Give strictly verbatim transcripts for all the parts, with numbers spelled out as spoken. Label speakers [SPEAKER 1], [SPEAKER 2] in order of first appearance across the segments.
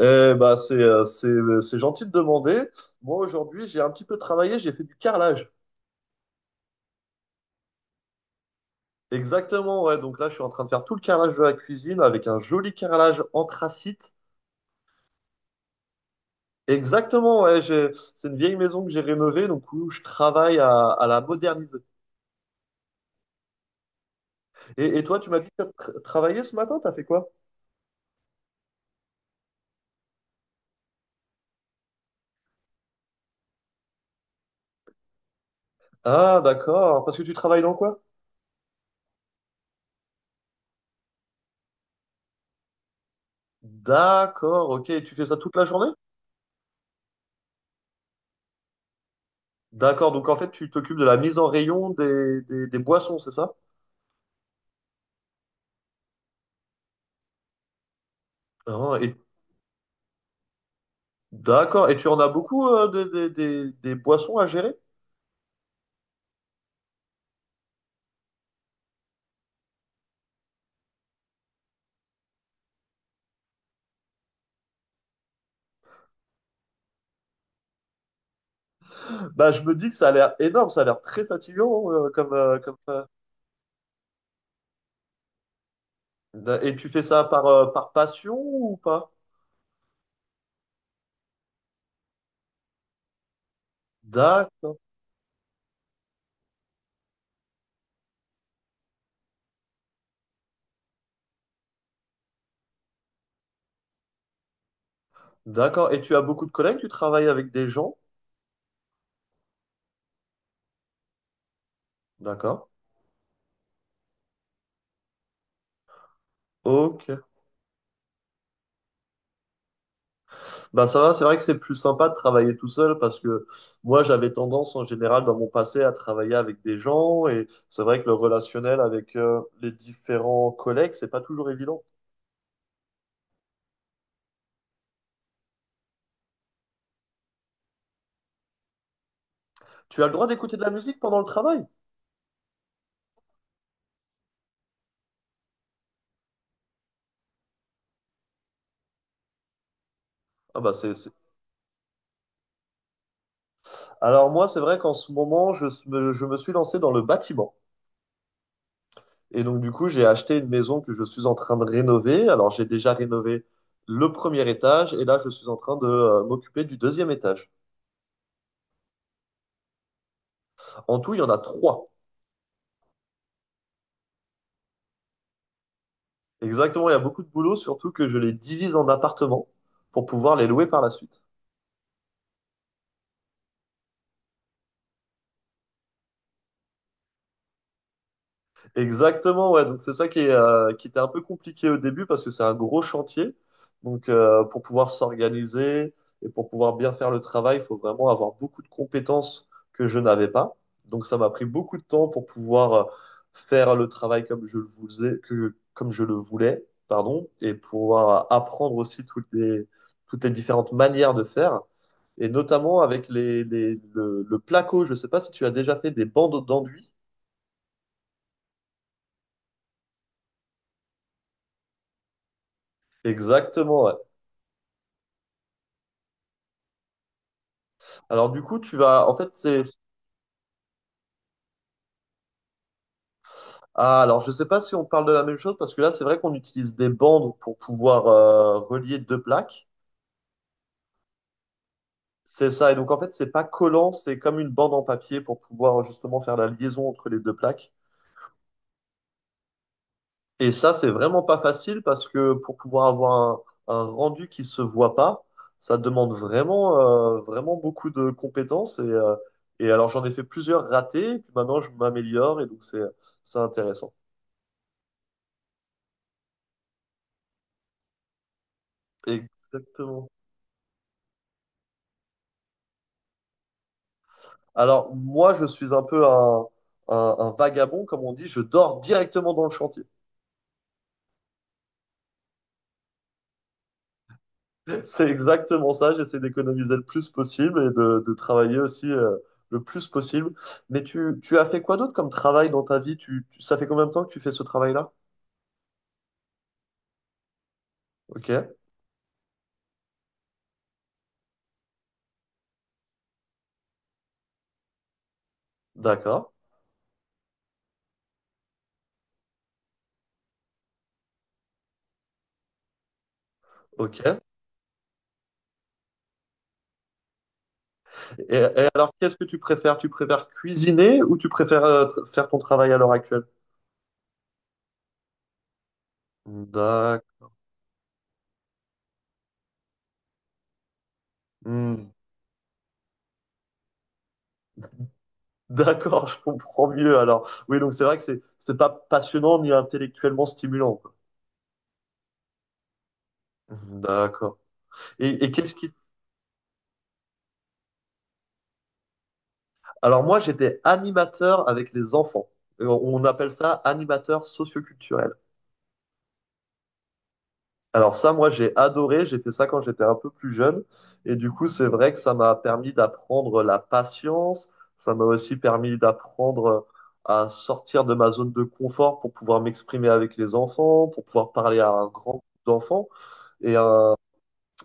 [SPEAKER 1] Eh bah, c'est euh, c'est, euh, c'est gentil de demander. Moi, aujourd'hui, j'ai un petit peu travaillé, j'ai fait du carrelage. Exactement, ouais. Donc là, je suis en train de faire tout le carrelage de la cuisine avec un joli carrelage anthracite. Exactement, ouais. j'ai- C'est une vieille maison que j'ai rénovée, donc où je travaille à, à la moderniser. Et, et toi, tu m'as dit que tu travaillé ce matin, t'as fait quoi? Ah, d'accord. Parce que tu travailles dans quoi? D'accord, ok. Et tu fais ça toute la journée? D'accord, donc en fait, tu t'occupes de la mise en rayon des, des, des boissons, c'est ça? Ah, et d'accord. Et tu en as beaucoup euh, de- de- des des boissons à gérer? Bah, je me dis que ça a l'air énorme, ça a l'air très fatigant euh, comme, euh, comme ça. Da- Et tu fais ça par, euh, par passion ou pas? D'accord. D'accord. Et tu as beaucoup de collègues, tu travailles avec des gens? D'accord. Ok. Bah ça va, c'est vrai que c'est plus sympa de travailler tout seul parce que moi j'avais tendance en général dans mon passé à travailler avec des gens et c'est vrai que le relationnel avec euh, les différents collègues, c'est pas toujours évident. Tu as le droit d'écouter de la musique pendant le travail? Ah bah c'est, c'est- Alors moi, c'est vrai qu'en ce moment, je s- me, je me suis lancé dans le bâtiment. Et donc du coup, j'ai acheté une maison que je suis en train de rénover. Alors j'ai déjà rénové le premier étage et là, je suis en train de euh, m'occuper du deuxième étage. En tout, il y en a trois. Exactement, il y a beaucoup de boulot, surtout que je les divise en appartements pour pouvoir les louer par la suite. Exactement, ouais. Donc c'est ça qui est, euh, qui était un peu compliqué au début parce que c'est un gros chantier. Donc euh, pour pouvoir s'organiser et pour pouvoir bien faire le travail, il faut vraiment avoir beaucoup de compétences que je n'avais pas. Donc ça m'a pris beaucoup de temps pour pouvoir euh, faire le travail comme je le voulais, que, comme je le voulais, pardon, et pouvoir apprendre aussi toutes les, toutes les différentes manières de faire. Et notamment avec les, les- le, le placo, je ne sais pas si tu as déjà fait des bandes d'enduit. Exactement, ouais. Alors du coup, tu vas, en fait, c'est, ah, alors je sais pas si on parle de la même chose parce que là, c'est vrai qu'on utilise des bandes pour pouvoir euh, relier deux plaques. C'est ça. Et donc en fait, c'est pas collant, c'est comme une bande en papier pour pouvoir justement faire la liaison entre les deux plaques. Et ça, c'est vraiment pas facile parce que pour pouvoir avoir un, un rendu qui se voit pas, ça demande vraiment, euh, vraiment beaucoup de compétences. Et, euh, et alors j'en ai fait plusieurs ratés. Et puis maintenant, je m'améliore et donc c'est, c'est intéressant. Exactement. Alors, moi, je suis un peu un, un- un vagabond, comme on dit. Je dors directement dans le chantier. C'est exactement ça. J'essaie d'économiser le plus possible et de, de travailler aussi euh, le plus possible. Mais tu, tu as fait quoi d'autre comme travail dans ta vie? Tu, tu- ça fait combien de temps que tu fais ce travail-là? Ok, d'accord. Ok. Et, et alors, qu'est-ce que tu préfères? Tu préfères cuisiner ou tu préfères euh, tr- faire ton travail à l'heure actuelle? D'accord. Hmm. D'accord, je comprends mieux alors. Oui, donc c'est vrai que c'est c'était pas passionnant ni intellectuellement stimulant, quoi. D'accord. Et, et qu'est-ce qui... Alors moi, j'étais animateur avec les enfants. Et On on appelle ça animateur socioculturel. Alors ça, moi, j'ai adoré. J'ai fait ça quand j'étais un peu plus jeune. Et du coup, c'est vrai que ça m'a permis d'apprendre la patience. Ça m'a aussi permis d'apprendre à sortir de ma zone de confort pour pouvoir m'exprimer avec les enfants, pour pouvoir parler à un grand groupe d'enfants. Et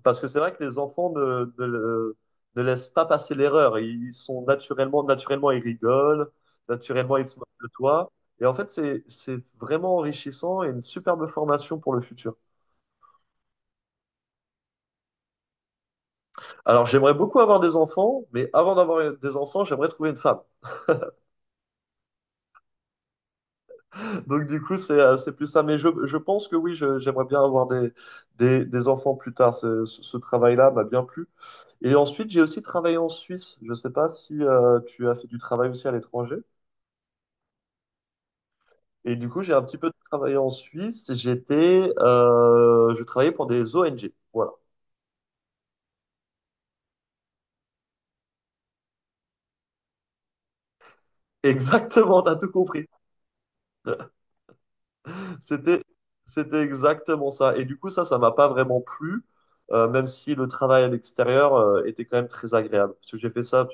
[SPEAKER 1] parce que c'est vrai que les enfants ne, ne, ne laissent pas passer l'erreur. Ils sont naturellement, naturellement, ils rigolent, naturellement, ils se moquent de toi. Et en fait, c'est, c'est vraiment enrichissant et une superbe formation pour le futur. Alors, j'aimerais beaucoup avoir des enfants, mais avant d'avoir des enfants, j'aimerais trouver une femme. Donc, du coup, c'est, euh, c'est plus ça. Mais je, je pense que oui, je- j'aimerais bien avoir des, des, des enfants plus tard. Ce, ce- ce travail-là m'a bien plu. Et ensuite, j'ai aussi travaillé en Suisse. Je ne sais pas si euh, tu as fait du travail aussi à l'étranger. Et du coup, j'ai un petit peu travaillé en Suisse. J'étais, euh, je travaillais pour des O N G. Voilà. Exactement, t'as tout compris. C'était, c'était exactement ça. Et du coup, ça, ça m'a pas vraiment plu, euh, même si le travail à l'extérieur, euh, était quand même très agréable. Parce que j'ai fait ça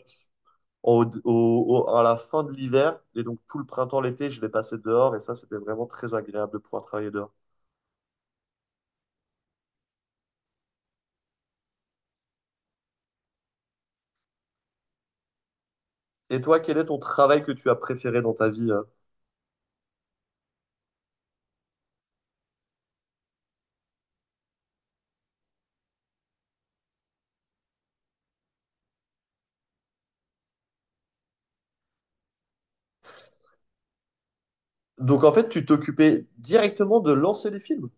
[SPEAKER 1] au, au- au- à la fin de l'hiver. Et donc, tout le printemps, l'été, je l'ai passé dehors. Et ça, c'était vraiment très agréable de pouvoir travailler dehors. Et toi, quel est ton travail que tu as préféré dans ta vie? euh Donc, en fait, tu t'occupais directement de lancer les films?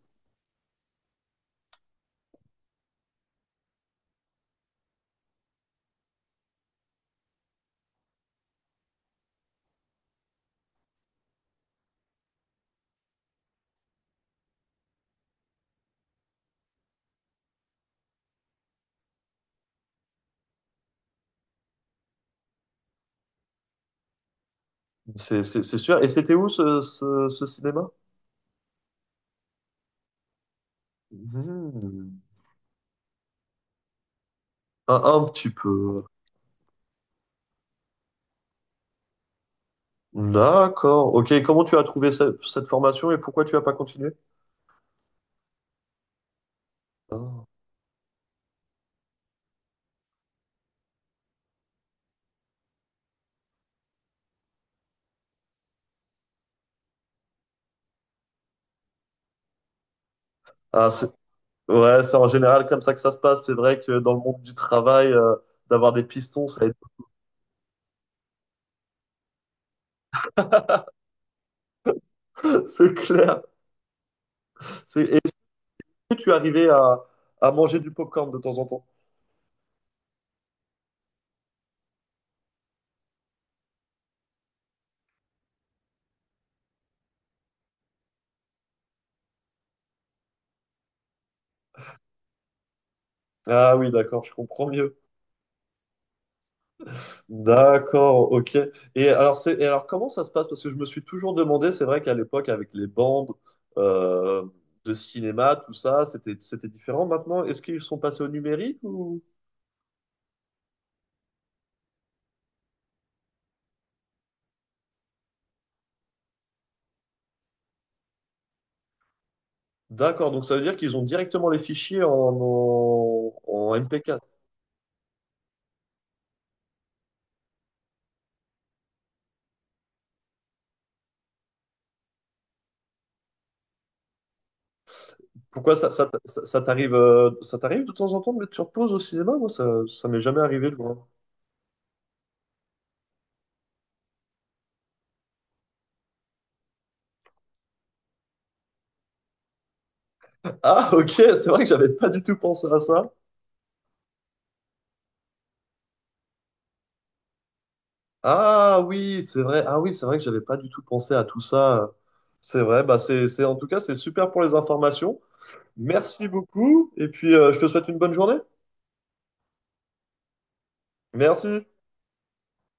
[SPEAKER 1] C'est c'est- c'est sûr. Et c'était où ce, ce- ce cinéma? Hmm. Un, un petit peu. D'accord. Ok, comment tu as trouvé ce- cette formation et pourquoi tu n'as pas continué? Ah, ah, c'est- ouais, c'est en général comme ça que ça se passe. C'est vrai que dans le monde du travail, euh, d'avoir des pistons, ça aide. C'est clair. C'est- Est-ce que tu arrivais à, à manger du popcorn de temps en temps? Ah oui, d'accord, je comprends mieux. D'accord, ok. Et alors, c'est, et alors, comment ça se passe? Parce que je me suis toujours demandé, c'est vrai qu'à l'époque, avec les bandes euh, de cinéma, tout ça, c'était, c'était différent. Maintenant, est-ce qu'ils sont passés au numérique ou... D'accord, donc ça veut dire qu'ils ont directement les fichiers en, en, en M P quatre. Pourquoi ça, ça, ça, ça t'arrive, euh, ça t'arrive de temps en temps de mettre sur pause au cinéma? Moi, ça, ça m'est jamais arrivé de voir. Ah, ok, c'est vrai que j'avais pas du tout pensé à ça. Ah oui, c'est vrai. Ah oui, c'est vrai que j'avais pas du tout pensé à tout ça. C'est vrai. Bah c'est, c'est, en tout cas, c'est super pour les informations. Merci beaucoup. Et puis, euh, je te souhaite une bonne journée. Merci.